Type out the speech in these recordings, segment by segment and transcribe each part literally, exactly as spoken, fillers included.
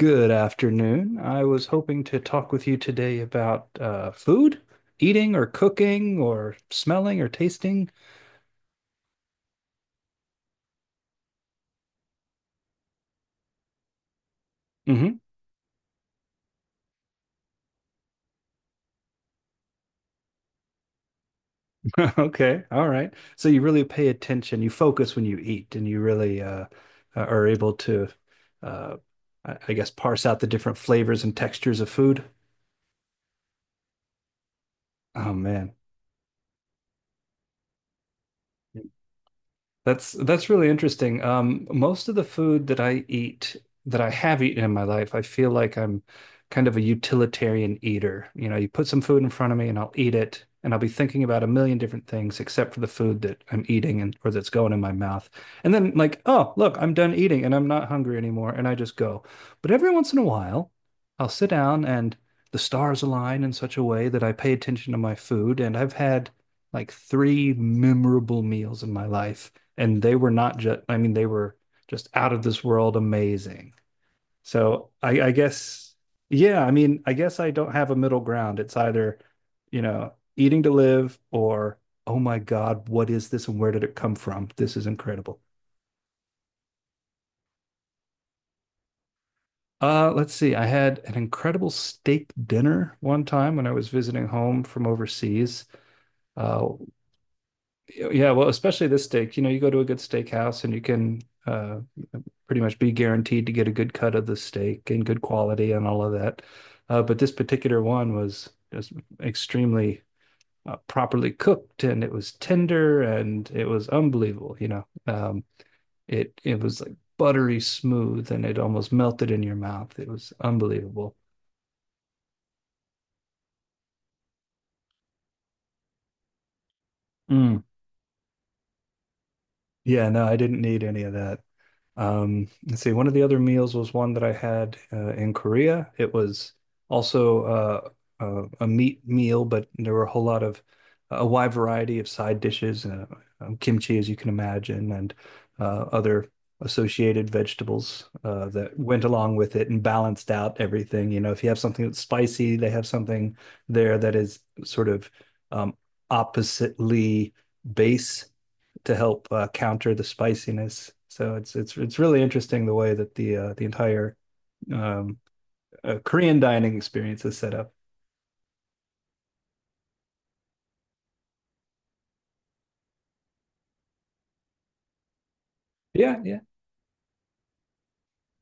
Good afternoon. I was hoping to talk with you today about uh, food, eating or cooking or smelling or tasting. Hmm. Okay. All right. So you really pay attention. You focus when you eat and you really uh, uh, are able to, uh, I I guess, parse out the different flavors and textures of food. Oh, man. That's that's really interesting. Um, most of the food that I eat, that I have eaten in my life, I feel like I'm kind of a utilitarian eater. You know, you put some food in front of me and I'll eat it, and I'll be thinking about a million different things except for the food that I'm eating and or that's going in my mouth. And then like, oh, look, I'm done eating and I'm not hungry anymore, and I just go. But every once in a while, I'll sit down and the stars align in such a way that I pay attention to my food, and I've had like three memorable meals in my life and they were not just, I mean, they were just out of this world amazing. So I, I guess, yeah, I mean, I guess I don't have a middle ground. It's either, you know, eating to live or, oh my God, what is this and where did it come from? This is incredible. Uh, let's see. I had an incredible steak dinner one time when I was visiting home from overseas. Uh, Yeah, well, especially this steak. You know, you go to a good steakhouse and you can uh, pretty much be guaranteed to get a good cut of the steak and good quality and all of that. Uh, but this particular one was just extremely uh, properly cooked and it was tender and it was unbelievable. You know, um, it it was like buttery smooth and it almost melted in your mouth. It was unbelievable. Mm. Yeah, no, I didn't need any of that. Um, let's see, one of the other meals was one that I had uh, in Korea. It was also uh, uh, a meat meal, but there were a whole lot of a wide variety of side dishes, uh, um, kimchi, as you can imagine, and uh, other associated vegetables uh, that went along with it and balanced out everything. You know, if you have something that's spicy, they have something there that is sort of um, oppositely base to help uh, counter the spiciness. So it's it's it's really interesting the way that the uh, the entire um, uh, Korean dining experience is set up. Yeah, yeah.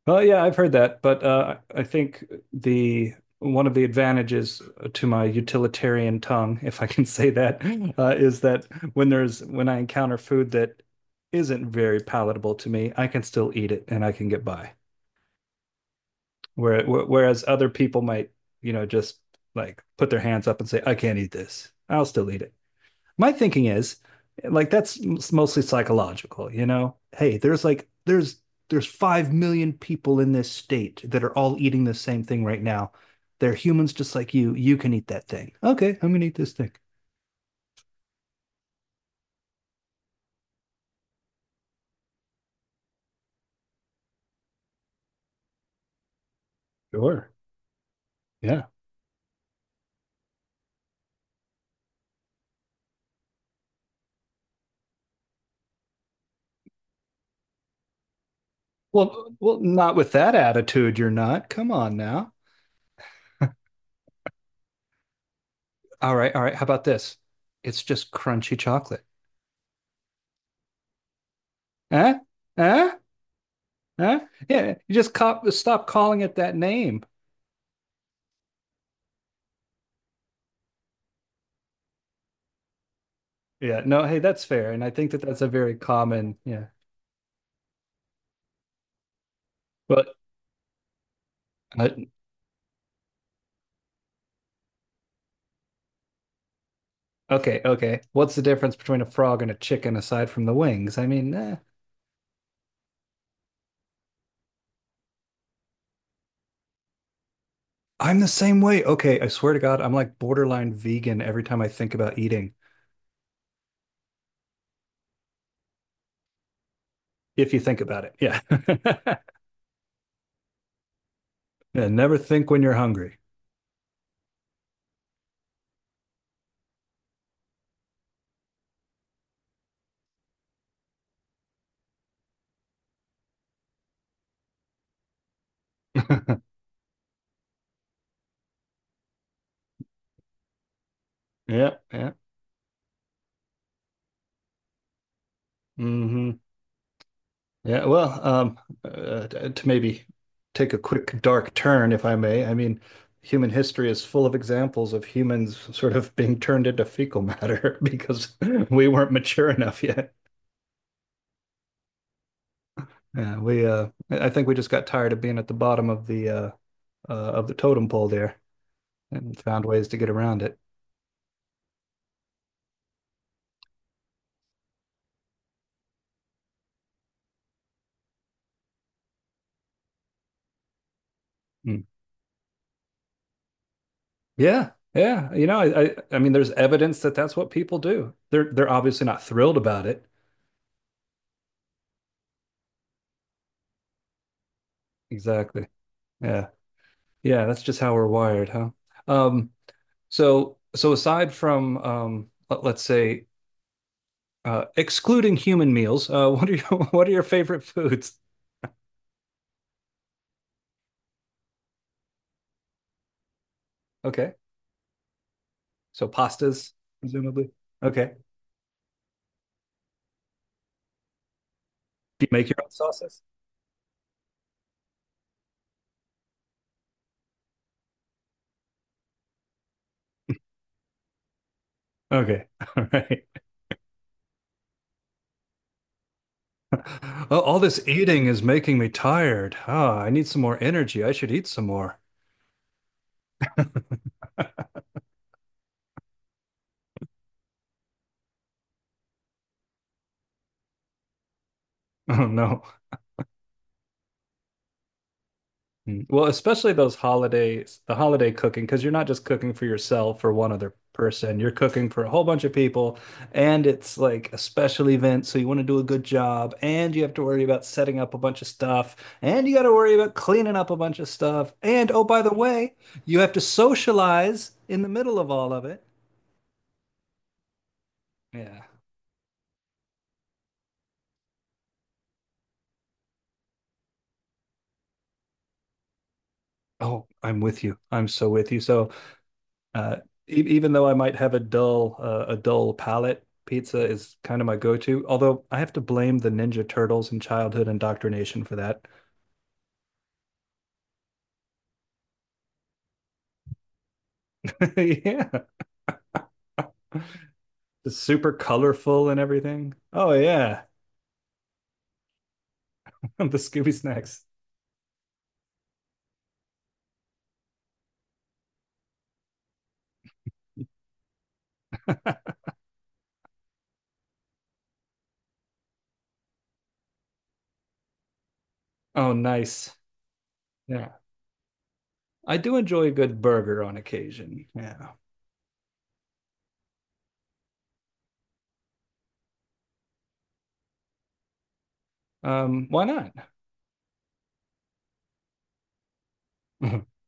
Well, yeah, I've heard that, but uh, I think the one of the advantages to my utilitarian tongue, if I can say that, uh, is that when there's when I encounter food that isn't very palatable to me, I can still eat it and I can get by. Where, whereas other people might, you know, just like put their hands up and say, I can't eat this. I'll still eat it. My thinking is like that's mostly psychological, you know? Hey, there's like there's there's five million people in this state that are all eating the same thing right now. They're humans just like you. You can eat that thing. Okay, I'm gonna eat this thing. Sure. Yeah. Well, well, not with that attitude, you're not. Come on now. All right, all right. How about this? It's just crunchy chocolate. Huh? Huh? Huh? Yeah, you just cop stop calling it that name. Yeah, no, hey, that's fair, and I think that that's a very common. Yeah, but uh, okay, okay. What's the difference between a frog and a chicken aside from the wings? I mean, eh, I'm the same way. Okay, I swear to God, I'm like borderline vegan every time I think about eating. If you think about it, yeah, yeah. Never think when you're hungry. Yeah, yeah. Hmm. Yeah, well, um, uh, to maybe take a quick dark turn, if I may. I mean, human history is full of examples of humans sort of being turned into fecal matter because we weren't mature enough yet. Yeah, we, uh, I I think we just got tired of being at the bottom of the uh, uh, of the totem pole there and found ways to get around it. Mm. Yeah, yeah. You know, I, I, I mean, there's evidence that that's what people do. They're, they're obviously not thrilled about it. Exactly. Yeah, yeah. That's just how we're wired, huh? Um, So, so aside from um, let- us say uh, excluding human meals, uh, what are your what are your favorite foods? Okay, so pastas, presumably. Okay, do you make your own sauces? Okay, all right. Oh, all this eating is making me tired. Ah, I need some more energy. I should eat some more. Oh no. Mm. Well, especially those holidays, the holiday cooking, because you're not just cooking for yourself or one other person. You're cooking for a whole bunch of people, and it's like a special event, so you want to do a good job, and you have to worry about setting up a bunch of stuff, and you got to worry about cleaning up a bunch of stuff, and oh, by the way, you have to socialize in the middle of all of it. Yeah. Oh, I'm with you. I'm so with you. So Uh, e- even though I might have a dull uh, a dull palate, pizza is kind of my go-to. Although I have to blame the Ninja Turtles and childhood indoctrination for that. Yeah, it's super colorful and everything. Oh yeah, the Scooby snacks. Oh nice. Yeah, I do enjoy a good burger on occasion. Yeah. Um, why not?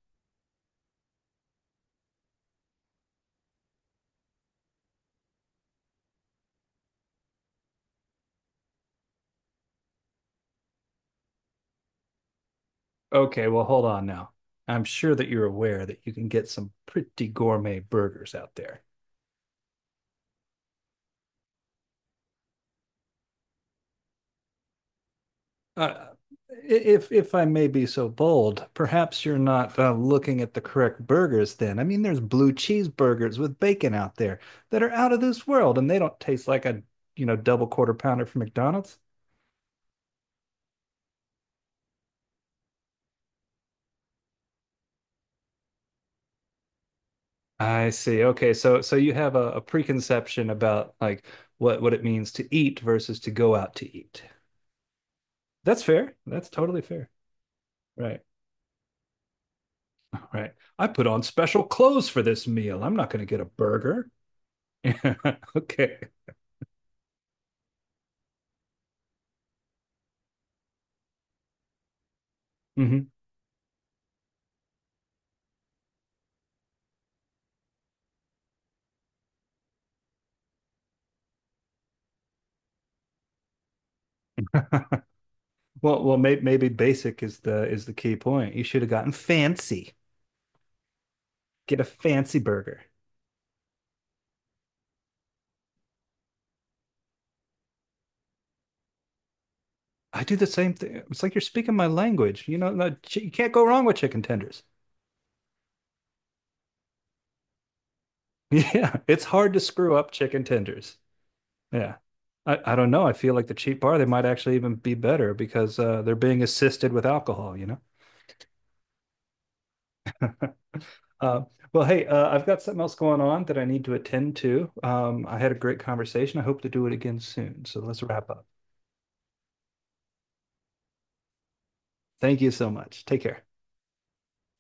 Okay, well hold on now. I'm sure that you're aware that you can get some pretty gourmet burgers out there. Uh, if if I may be so bold, perhaps you're not uh, looking at the correct burgers then. I mean, there's blue cheeseburgers with bacon out there that are out of this world, and they don't taste like a, you know, double quarter pounder from McDonald's. I see. Okay, so so you have a, a preconception about like what what it means to eat versus to go out to eat. That's fair. That's totally fair. Right. Right. I put on special clothes for this meal. I'm not going to get a burger. Okay. Mhm. Well, well, maybe, maybe basic is the is the key point. You should have gotten fancy. Get a fancy burger. I do the same thing. It's like you're speaking my language. You know, no, chi- you can't go wrong with chicken tenders. Yeah, it's hard to screw up chicken tenders. Yeah. I, I don't know. I feel like the cheap bar, they might actually even be better because uh, they're being assisted with alcohol, you know? Uh, well, hey, uh, I've got something else going on that I need to attend to. Um, I had a great conversation. I hope to do it again soon. So let's wrap up. Thank you so much. Take care.